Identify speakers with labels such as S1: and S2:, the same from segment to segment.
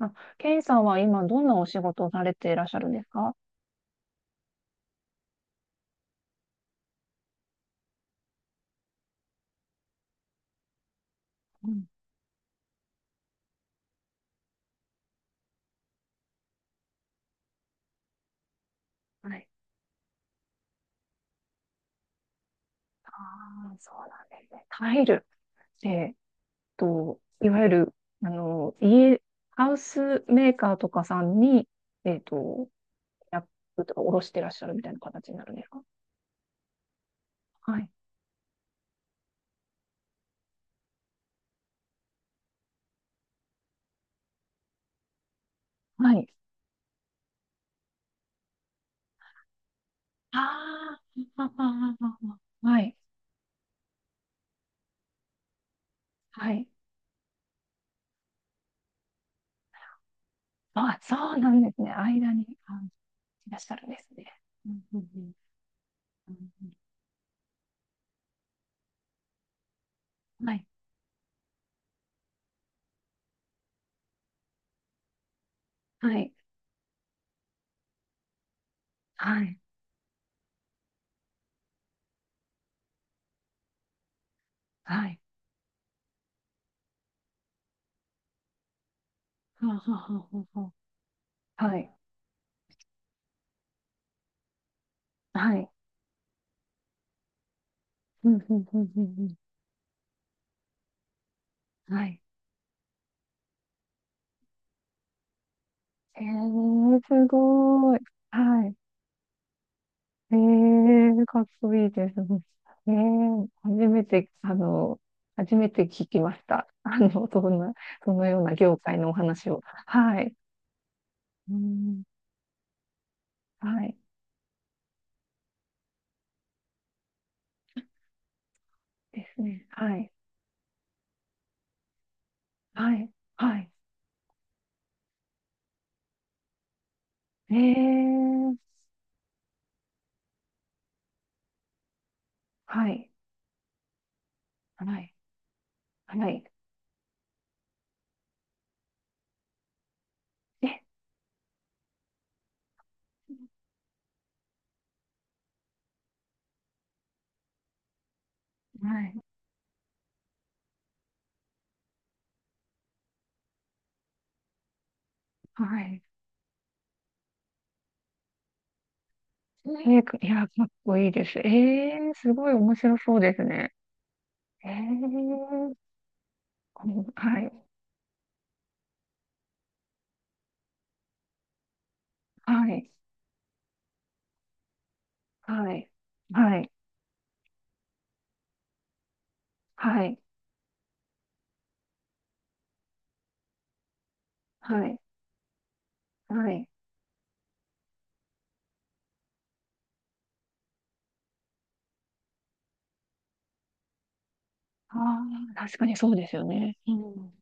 S1: あ、ケイさんは今どんなお仕事をされていらっしゃるんですか？うん、はい。ああ、そうなんですね。タイル。えーっいわゆる、あの、家、ハウスメーカーとかさんに、えーっと、やっとか、おろしてらっしゃるみたいな形になるんですか？はい。はい。ああ、ああああはい。はい。あ、そうなんですね。間に、いらっしゃるんですね。うんうんうんうんうんはい。はい。はい。はい。はあはあはあはあはい。はい。うん、うん、うん、うん。うんはい。へえー、すごい。はい。えー、かっこいいです。えー、初めて、あの、初めて聞きました。そのような業界のお話を。はい。うん、はい。ですね。はい。はい。はい。えー、はい。はい。はい。え、はい。はい。えー、いや、かっこいいです。えー、すごい面白そうですね。えー、はい、はい、はい、はい、はい、はい、はい。ああ、確かにそうですよね。うん、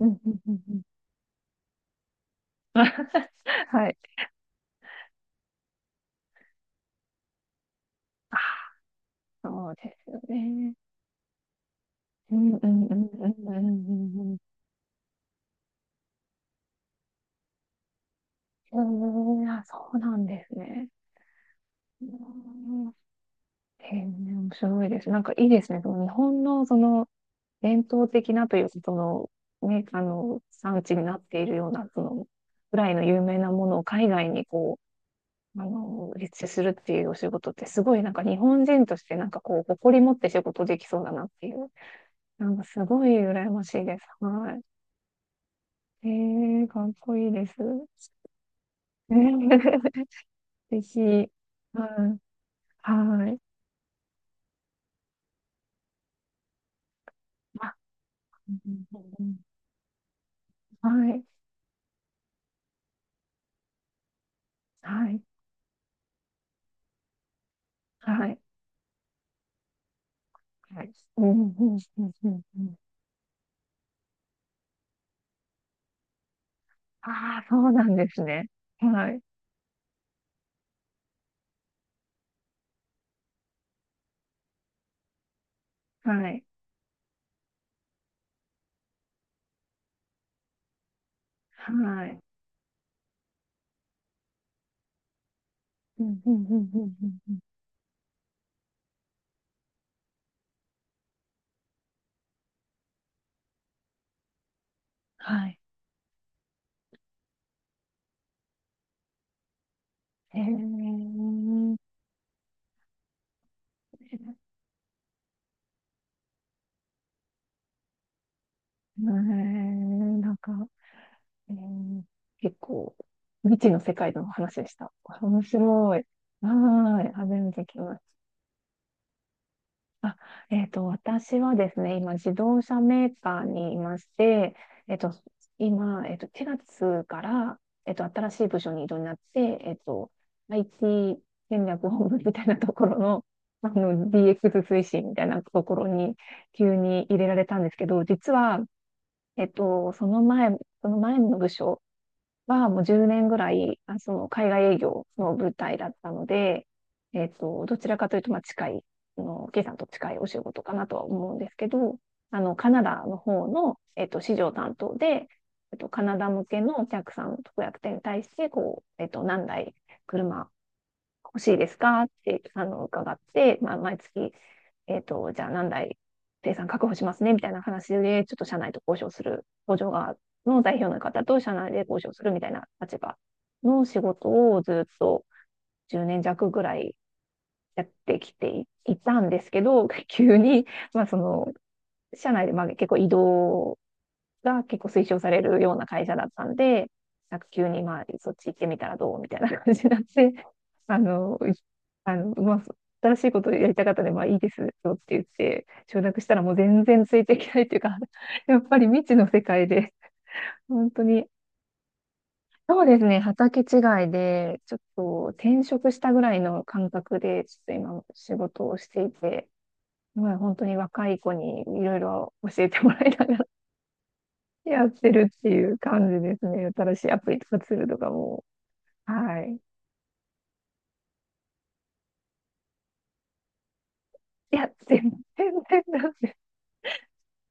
S1: うん、うん、うん。うん はい。あー、そうですよね。うん、うん、うん、うん、うん、うんうん。うん、あ、そうなんですね。うん、へえ面白いです。なんかいいですね。その日本の伝統的なという産地になっているような、ぐらいの有名なものを海外に立地するっていうお仕事ってすごいなんか日本人として誇り持って仕事できそうだなっていう、なんかすごい羨ましいです。はい。えー、かっこいいです。ぜひ、はい、はい。あうんうんうんはい、はい、はい、はい。うん、うん、うん、うん。うんああ、そうなんですね。はい、はい、はい。うん、うん、うん、うん、うん。うんはい。へえ、へえ、なんか、えー、結構、未知の世界の話でした。面白い。はーい、初めて聞きました。あ、私はですね、今、自動車メーカーにいまして、えっと、今、4月から、新しい部署に異動になって、IT 戦略本部みたいなところの、DX 推進みたいなところに急に入れられたんですけど、実は、えっと、その前、その前の部署はもう10年ぐらい、その海外営業の舞台だったので、どちらかというと、まあ、近い、あの、K さんと近いお仕事かなとは思うんですけど、あの、カナダの方の、市場担当で、カナダ向けのお客さん、特約店に対して、何台車欲しいですかって、伺って、まあ、毎月じゃあ何台生産確保しますね、みたいな話で、ちょっと社内と交渉する、工場側の代表の方と社内で交渉するみたいな立場の仕事をずっと10年弱ぐらいやってきていたんですけど、急に、まあ社内でまあ結構移動が結構推奨されるような会社だったんで、なんか急にまあ、そっち行ってみたらどうみたいな感じになって、あの、いあの、まあ、新しいことやりたかったので、まあいいですよって言って、承諾したらもう全然ついていけないっていうか、やっぱり未知の世界で、本当に、そうですね、畑違いで、ちょっと転職したぐらいの感覚で、ちょっと今仕事をしていて、まあ、本当に若い子にいろいろ教えてもらいながやってるっていう感じですね。新しいアプリとかツールとかも。はい。いや、全然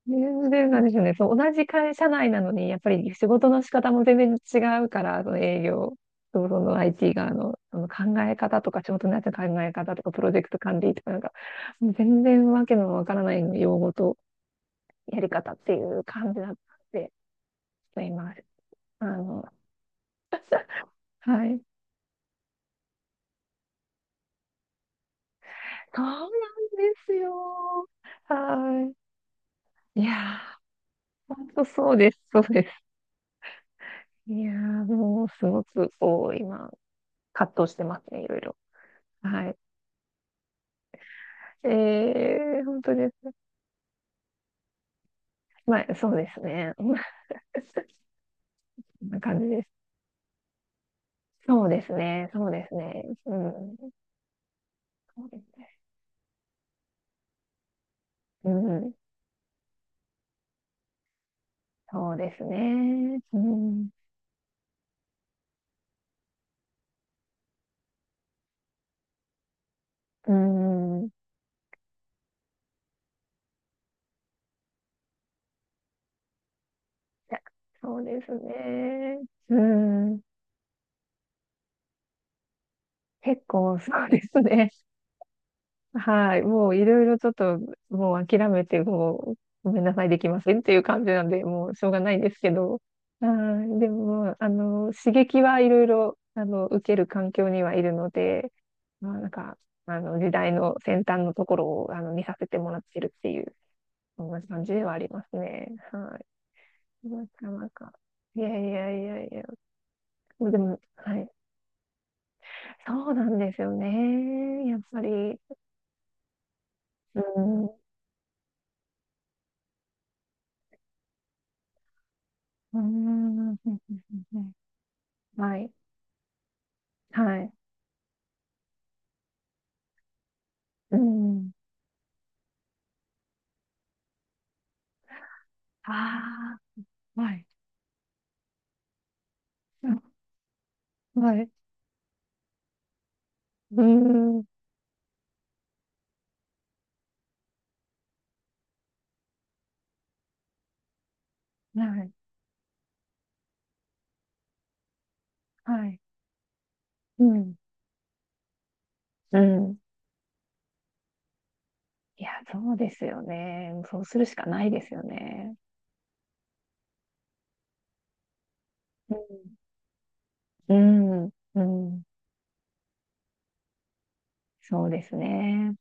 S1: 全然なんですよね。そう、同じ会社内なのに、やっぱり仕事の仕方も全然違うから、その営業とその IT 側の、その考え方とか、仕事のやつの考え方とか、プロジェクト管理とか、なんか、もう全然わけのわからない用語とやり方っていう感じだったんで、ちょっと今、あの、はい。そうなんですよ。はい。いやー、本当そうです、そうです。いやー、もうすごく、今、葛藤してますね、いろいろ。はい。えー、本当です。まあ、そうですね。こんな感じです。そうですね、そうですね。うん、そうですね。うん、そうですね。うん、うん、いやそうですね。うん、結構そうですね。はい。もういろいろちょっと、もう諦めて、もう、ごめんなさい、できませんっていう感じなんで、もうしょうがないんですけど、はい。でも、まあの、刺激はいろいろ、受ける環境にはいるので、まあ、なんか、時代の先端のところを、見させてもらってるっていう、そんな感じではありますね。はい。なかなか。いやいやいやいや。でも、はい。そうなんですよね。やっぱり。うん。うん。はい。はい。うん。ああ、はい。うんはい。うん。はい。はい。うん。うん。いや、そうですよね。そうするしかないですよね。うん。うん。うん。そうですね。